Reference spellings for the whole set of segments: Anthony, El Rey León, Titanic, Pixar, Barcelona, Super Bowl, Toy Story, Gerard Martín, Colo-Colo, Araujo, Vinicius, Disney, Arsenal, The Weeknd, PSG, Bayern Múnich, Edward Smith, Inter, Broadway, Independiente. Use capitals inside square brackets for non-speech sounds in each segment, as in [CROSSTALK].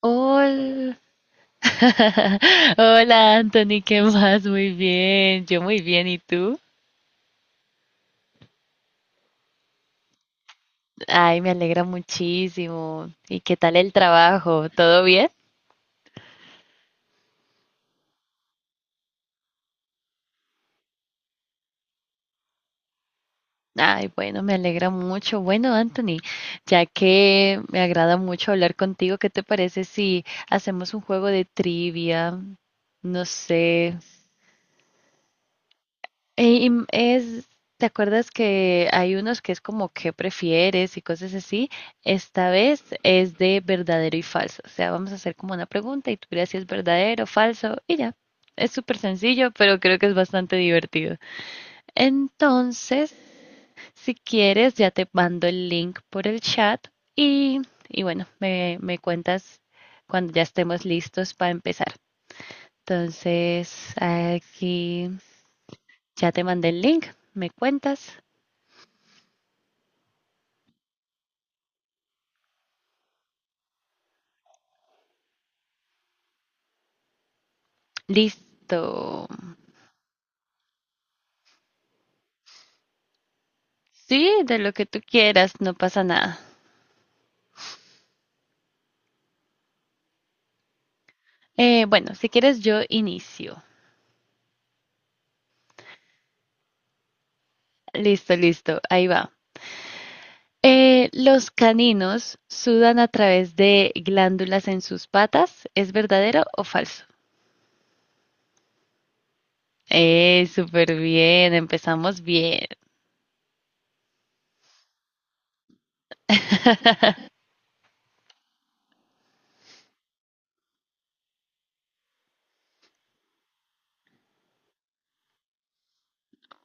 Hola, [LAUGHS] hola Anthony, ¿qué más? Muy bien, yo muy bien, ¿y tú? Ay, me alegra muchísimo. ¿Y qué tal el trabajo? ¿Todo bien? Ay, bueno, me alegra mucho. Bueno, Anthony, ya que me agrada mucho hablar contigo, ¿qué te parece si hacemos un juego de trivia? No sé. Eh, y im- Es, ¿Te acuerdas que hay unos que es como qué prefieres y cosas así? Esta vez es de verdadero y falso. O sea, vamos a hacer como una pregunta y tú dirás si es verdadero o falso y ya. Es súper sencillo, pero creo que es bastante divertido. Entonces, si quieres, ya te mando el link por el chat y, y bueno, me cuentas cuando ya estemos listos para empezar. Entonces, aquí ya te mandé el link, me cuentas. Listo. Sí, de lo que tú quieras, no pasa nada. Bueno, si quieres yo inicio. Listo, listo, ahí va. Los caninos sudan a través de glándulas en sus patas. ¿Es verdadero o falso? Súper bien, empezamos bien.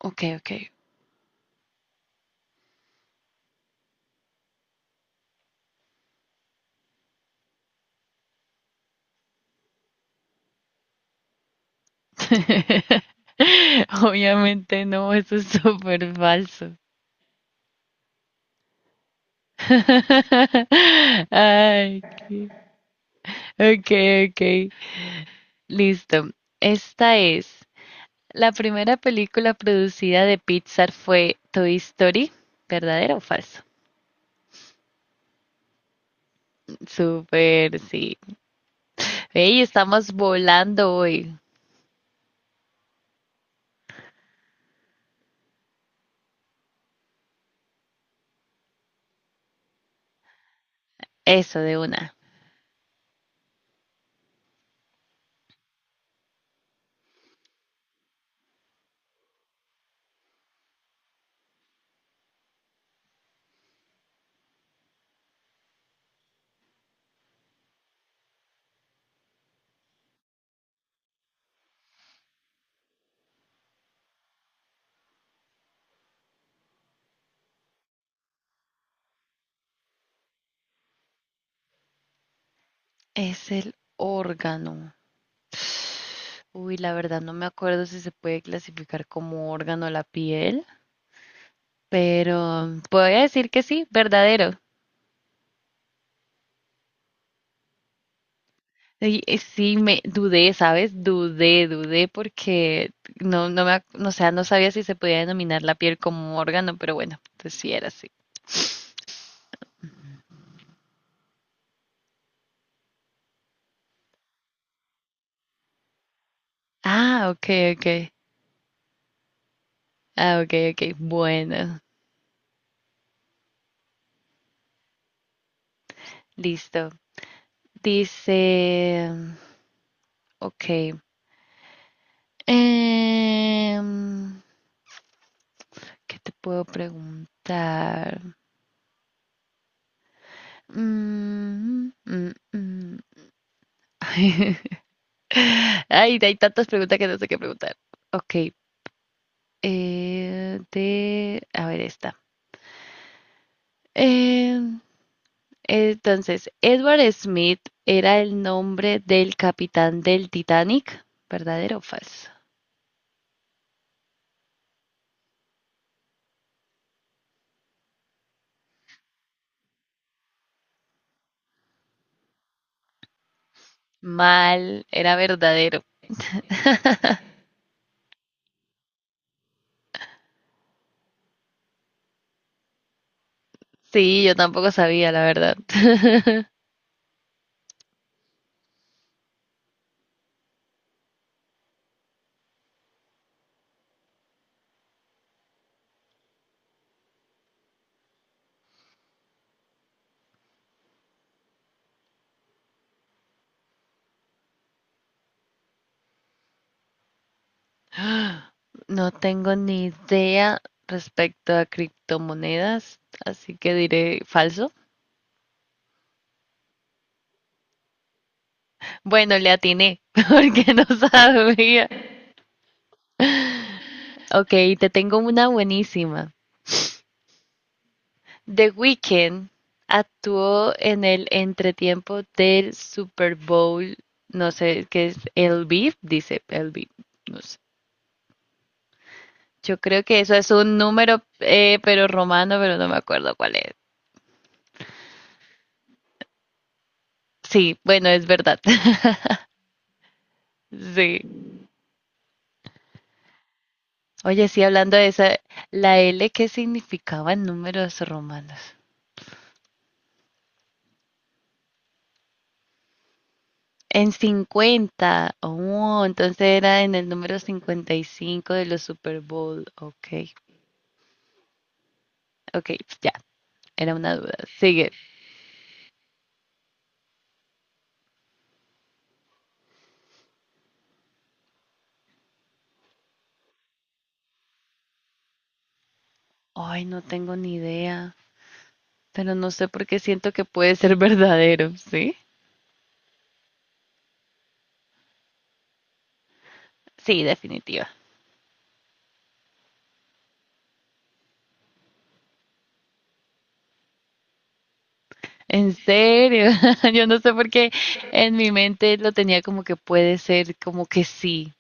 Ok, ok. [LAUGHS] Obviamente no, eso es súper falso. [LAUGHS] Ay, qué- ok, ok. Listo. Esta es. La primera película producida de Pixar fue Toy Story. ¿Verdadero o falso? Súper, sí. Ey, estamos volando hoy. Eso de una. Es el órgano. Uy, la verdad no me acuerdo si se puede clasificar como órgano la piel, pero voy a decir que sí, verdadero. Sí, sí, me dudé, ¿sabes? Dudé porque no, o sea, no sabía si se podía denominar la piel como órgano, pero bueno, pues sí era así. Ah, ok, ok. Ah, ok, ok. Bueno, listo. Dice, ok. Em, ¿Qué te puedo preguntar? Mm, mm, mm. [LAUGHS] Ay, hay tantas preguntas que no sé qué preguntar. Ok. A ver esta. Eh, entonces, Edward Smith era el nombre del capitán del Titanic, ¿verdadero o falso? Mal, era verdadero. Sí, yo tampoco sabía, la verdad. [LAUGHS] No tengo ni idea respecto a criptomonedas, así que diré falso. Bueno, le atiné [LAUGHS] porque no sabía. Ok, te tengo una buenísima. The Weeknd actuó en el entretiempo del Super Bowl, no sé qué es, el beat, dice el beat, no sé. Yo creo que eso es un número, pero romano, pero no me acuerdo cuál es. Sí, bueno, es verdad. [LAUGHS] Sí. Oye, sí, hablando de esa, la L, ¿qué significaba en números romanos? En 50. Oh, entonces era en el número 55 de los Super Bowl. Ok, ok, ya. Era una duda. Sigue. Ay, no tengo ni idea, pero no sé por qué siento que puede ser [LAUGHS] verdadero, ¿sí? Sí, definitiva. En serio, [LAUGHS] yo no sé por qué en mi mente lo tenía como que puede ser, como que sí.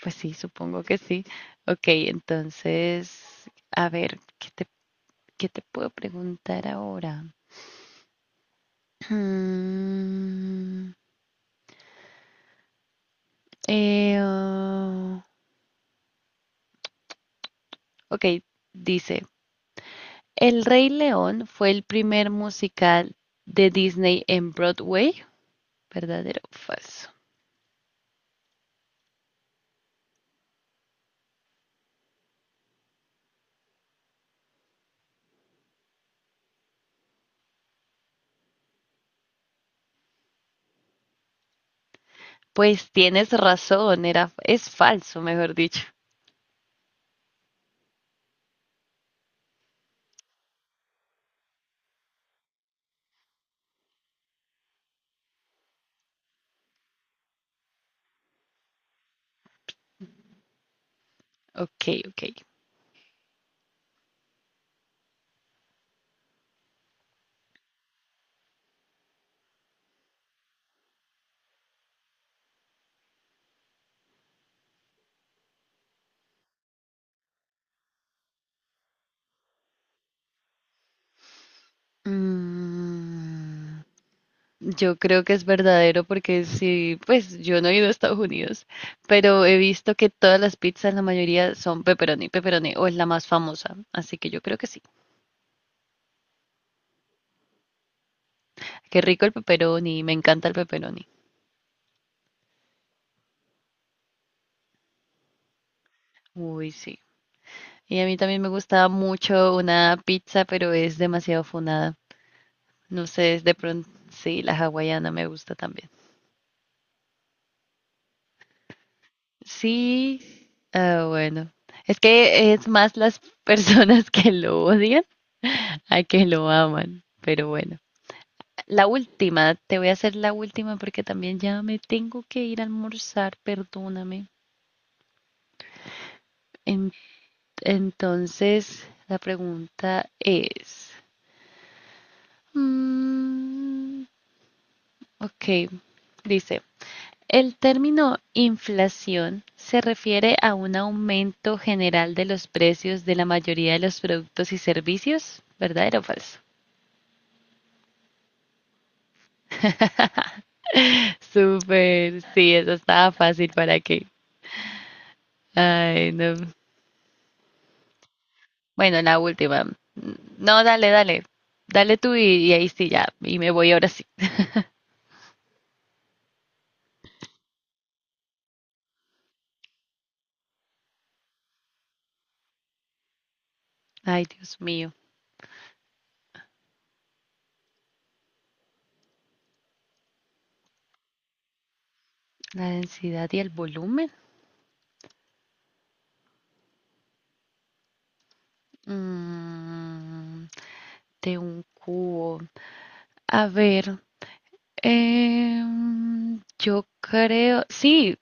Pues sí, supongo que sí. Ok, entonces, a ver, ¿qué te puedo preguntar ahora? [CLEARS THROAT] Mm, eh, oh, ok, dice, El Rey León fue el primer musical de Disney en Broadway, ¿verdadero o falso? Pues tienes razón, era, es falso, mejor dicho. Ok, ok. Mm, yo creo que es verdadero porque sí, pues yo no he ido a Estados Unidos, pero he visto que todas las pizzas, la mayoría son pepperoni, pepperoni, o es la más famosa, así que yo creo que sí. Qué rico el pepperoni, me encanta el pepperoni. Uy, sí. Y a mí también me gustaba mucho una pizza, pero es demasiado funada. No sé, es de pronto, sí, la hawaiana me gusta también. Sí, ah, bueno. Es que es más las [LAUGHS] personas que lo odian a que lo aman, pero bueno. La última, te voy a hacer la última porque también ya me tengo que ir a almorzar, perdóname. En- entonces, la pregunta es, mm, ok, dice. El término inflación se refiere a un aumento general de los precios de la mayoría de los productos y servicios, ¿verdadero o falso? [LAUGHS] Súper, sí, eso estaba fácil, ¿para qué? Ay, no. Bueno, la última. No, dale, dale. Dale tú y ahí sí ya. Y me voy ahora sí. [LAUGHS] Ay, Dios mío. La densidad y el volumen. Mm, de un cubo. A ver. Yo creo, sí,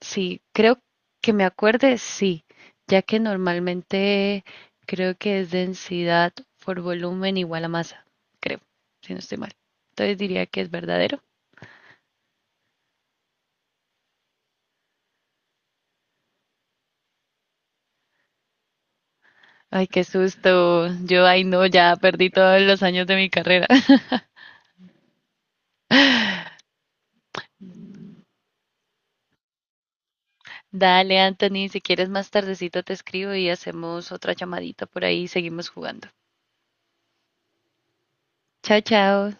sí, creo que me acuerde, sí, ya que normalmente creo que es densidad por volumen igual a masa, creo, si no estoy mal. Entonces diría que es verdadero. Ay, qué susto. Yo, ay, no, ya perdí todos los años de mi carrera. [LAUGHS] Dale, Anthony, si quieres más tardecito te escribo y hacemos otra llamadita por ahí y seguimos jugando. Chao, chao.